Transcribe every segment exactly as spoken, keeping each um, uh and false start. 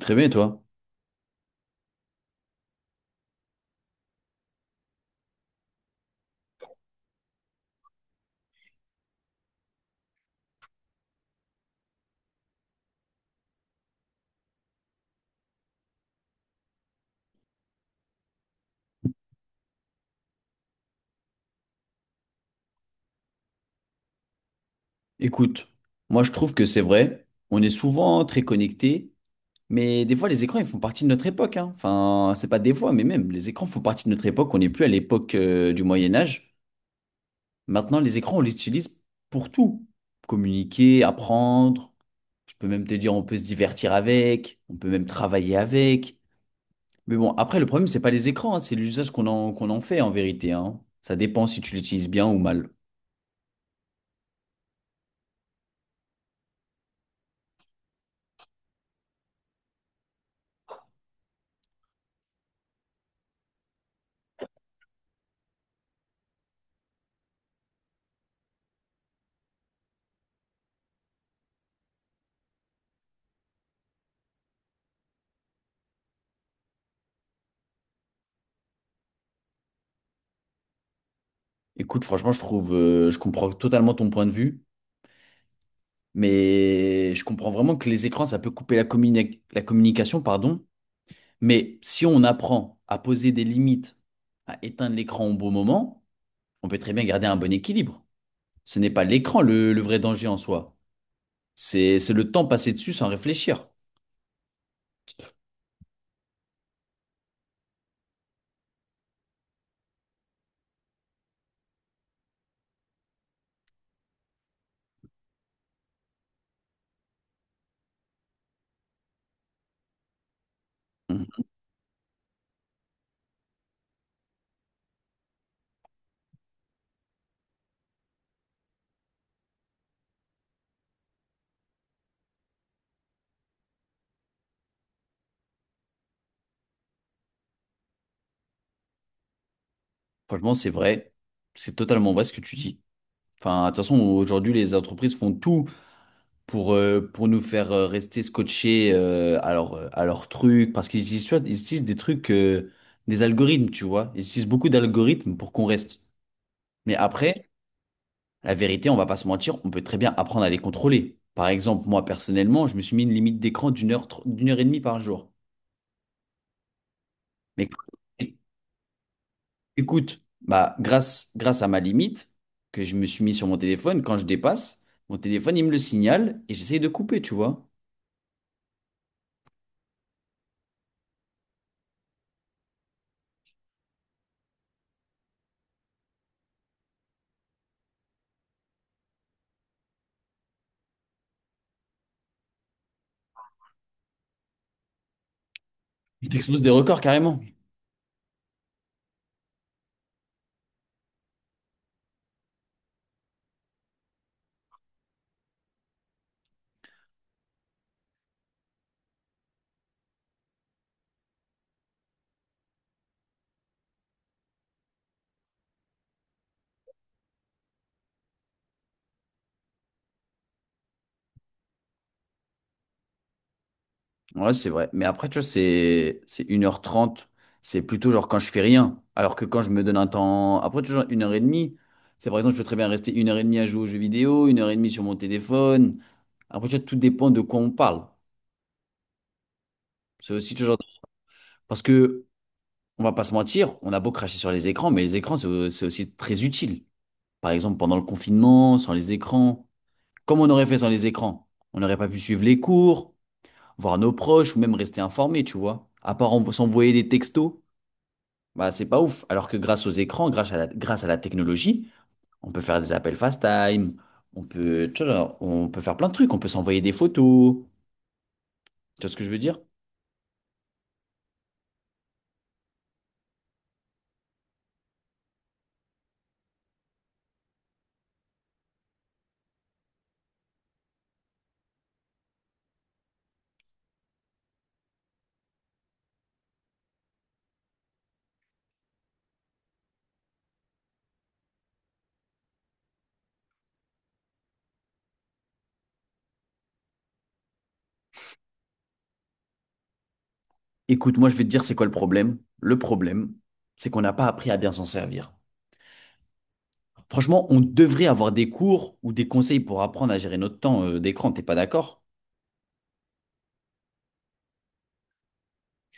Très bien, et toi? Écoute, moi je trouve que c'est vrai, on est souvent très connectés, mais des fois les écrans ils font partie de notre époque, hein. Enfin, c'est pas des fois, mais même les écrans font partie de notre époque, on n'est plus à l'époque euh, du Moyen Âge. Maintenant, les écrans, on les utilise pour tout. Communiquer, apprendre, je peux même te dire on peut se divertir avec, on peut même travailler avec. Mais bon, après le problème, c'est pas les écrans, hein, c'est l'usage qu'on en, qu'on en fait en vérité, hein. Ça dépend si tu l'utilises bien ou mal. Écoute, franchement, je trouve, euh, je comprends totalement ton point de vue. Mais je comprends vraiment que les écrans, ça peut couper la communi- la communication, pardon. Mais si on apprend à poser des limites, à éteindre l'écran au bon moment, on peut très bien garder un bon équilibre. Ce n'est pas l'écran le, le vrai danger en soi. C'est, c'est le temps passé dessus sans réfléchir. Mhm. Franchement, c'est vrai. C'est totalement vrai ce que tu dis. Enfin, de toute façon, aujourd'hui, les entreprises font tout pour, euh, pour nous faire euh, rester scotchés euh, à leur, euh, à leur truc. Parce qu'ils utilisent, tu vois, ils utilisent des trucs, euh, des algorithmes, tu vois. Ils utilisent beaucoup d'algorithmes pour qu'on reste. Mais après, la vérité, on va pas se mentir, on peut très bien apprendre à les contrôler. Par exemple, moi, personnellement, je me suis mis une limite d'écran d'une heure, tr- d'une heure et demie par jour. Mais écoute, bah, grâce, grâce à ma limite que je me suis mis sur mon téléphone, quand je dépasse, mon téléphone, il me le signale et j'essaye de couper, tu vois. Il t'expose des records carrément. Ouais, c'est vrai. Mais après, tu vois, c'est c'est une heure trente. C'est plutôt genre quand je fais rien. Alors que quand je me donne un temps. Après, tu vois, genre une heure trente. C'est par exemple, je peux très bien rester une heure et demie à jouer aux jeux vidéo, une heure et demie sur mon téléphone. Après, tu vois, tout dépend de quoi on parle. C'est aussi toujours. Parce que, on va pas se mentir, on a beau cracher sur les écrans, mais les écrans, c'est au- c'est aussi très utile. Par exemple, pendant le confinement, sans les écrans. Comme on aurait fait sans les écrans? On n'aurait pas pu suivre les cours, voir nos proches ou même rester informé, tu vois. À part envo- s'envoyer des textos. Bah, c'est pas ouf. Alors que grâce aux écrans, grâce à la, grâce à la technologie, on peut faire des appels FaceTime, on peut, tu vois, genre, on peut faire plein de trucs, on peut s'envoyer des photos. Tu vois ce que je veux dire? Écoute, moi, je vais te dire c'est quoi le problème. Le problème, c'est qu'on n'a pas appris à bien s'en servir. Franchement, on devrait avoir des cours ou des conseils pour apprendre à gérer notre temps euh, d'écran. T'es pas d'accord?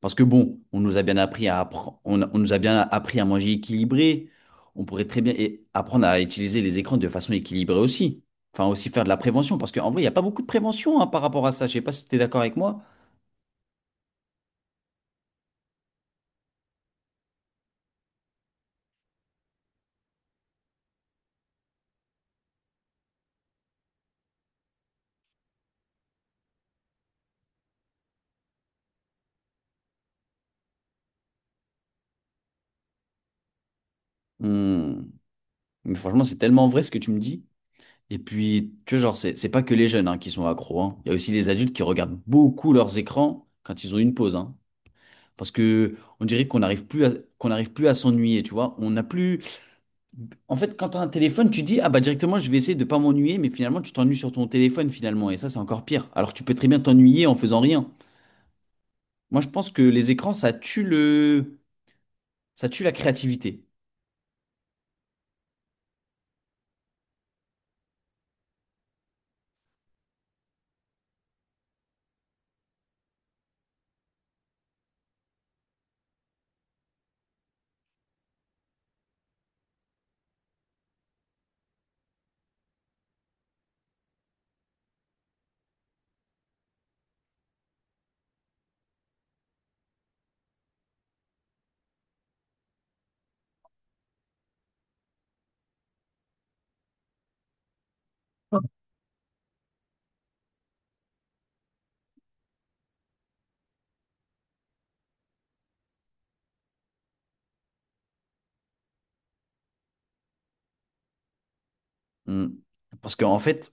Parce que bon, on nous a bien appris à appre- on, a- on nous a bien appris à manger équilibré. On pourrait très bien é- apprendre à utiliser les écrans de façon équilibrée aussi. Enfin, aussi faire de la prévention. Parce qu'en vrai, il n'y a pas beaucoup de prévention hein, par rapport à ça. Je sais pas si tu es d'accord avec moi. Hmm. Mais franchement, c'est tellement vrai ce que tu me dis. Et puis, tu vois, genre, c'est c'est pas que les jeunes hein, qui sont accros. Hein. Il y a aussi les adultes qui regardent beaucoup leurs écrans quand ils ont une pause. Hein. Parce que on dirait qu'on n'arrive plus à, qu'on n'arrive plus à s'ennuyer, tu vois. On n'a plus. En fait, quand tu as un téléphone, tu dis, ah bah directement, je vais essayer de pas m'ennuyer, mais finalement, tu t'ennuies sur ton téléphone finalement, et ça, c'est encore pire. Alors que tu peux très bien t'ennuyer en faisant rien. Moi, je pense que les écrans, ça tue le... ça tue la créativité. Hmm. Parce qu'en fait,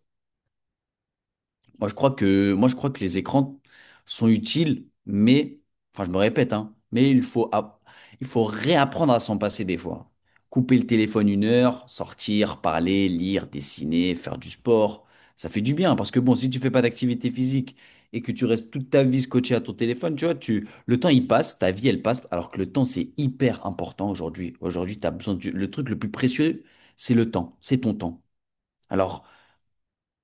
Moi, je crois que, moi, je crois que les écrans sont utiles, mais, enfin, je me répète, hein, mais il faut, app- il faut réapprendre à s'en passer des fois. Couper le téléphone une heure, sortir, parler, lire, dessiner, faire du sport, ça fait du bien. Parce que bon, si tu fais pas d'activité physique et que tu restes toute ta vie scotché à ton téléphone, tu vois, tu, le temps il passe, ta vie elle passe, alors que le temps c'est hyper important aujourd'hui. Aujourd'hui, tu as besoin du, le truc le plus précieux, c'est le temps, c'est ton temps. Alors,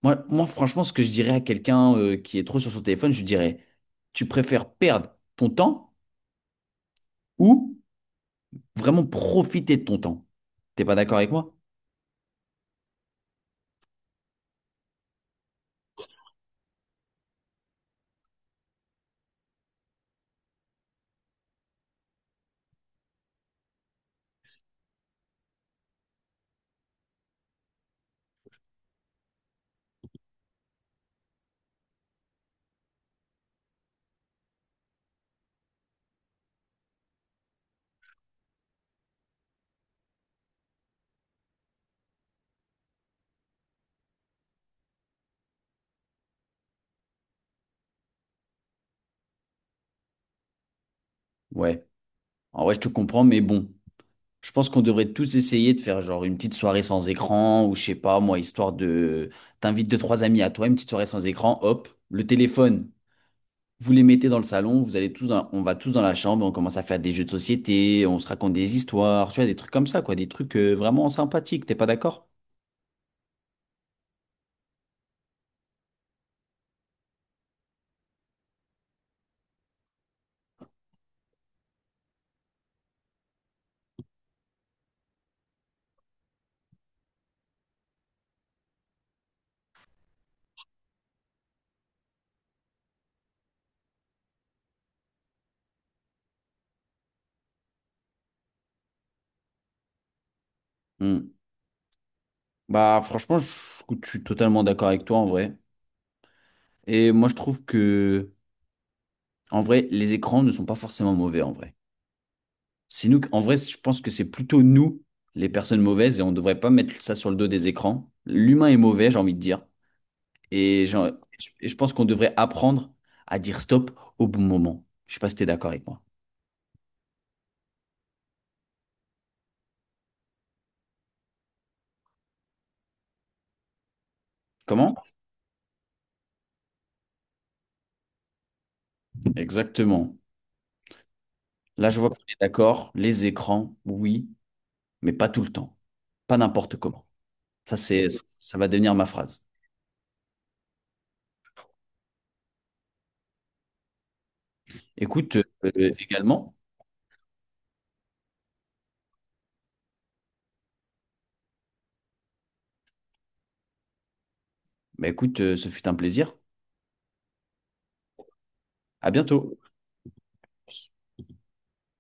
moi, moi, franchement, ce que je dirais à quelqu'un euh, qui est trop sur son téléphone, je lui dirais, tu préfères perdre ton temps ou vraiment profiter de ton temps? T'es pas d'accord avec moi? Ouais. En vrai, je te comprends, mais bon, je pense qu'on devrait tous essayer de faire genre une petite soirée sans écran ou je sais pas, moi, histoire de... T'invites deux, trois amis à toi, une petite soirée sans écran, hop, le téléphone, vous les mettez dans le salon, vous allez tous dans- on va tous dans la chambre, on commence à faire des jeux de société, on se raconte des histoires, tu vois, des trucs comme ça, quoi, des trucs euh, vraiment sympathiques, t'es pas d'accord? Hmm. Bah franchement, je, je suis totalement d'accord avec toi en vrai. Et moi je trouve que en vrai, les écrans ne sont pas forcément mauvais en vrai. C'est nous, en vrai, je pense que c'est plutôt nous, les personnes mauvaises, et on ne devrait pas mettre ça sur le dos des écrans. L'humain est mauvais, j'ai envie de dire. Et, genre- et je pense qu'on devrait apprendre à dire stop au bon moment. Je sais pas si t'es d'accord avec moi. Comment? Exactement. Là, je vois qu'on est d'accord. Les écrans, oui, mais pas tout le temps. Pas n'importe comment. Ça, c'est, Ça va devenir ma phrase. Écoute, euh, également, bah écoute, euh, ce fut un plaisir. À bientôt.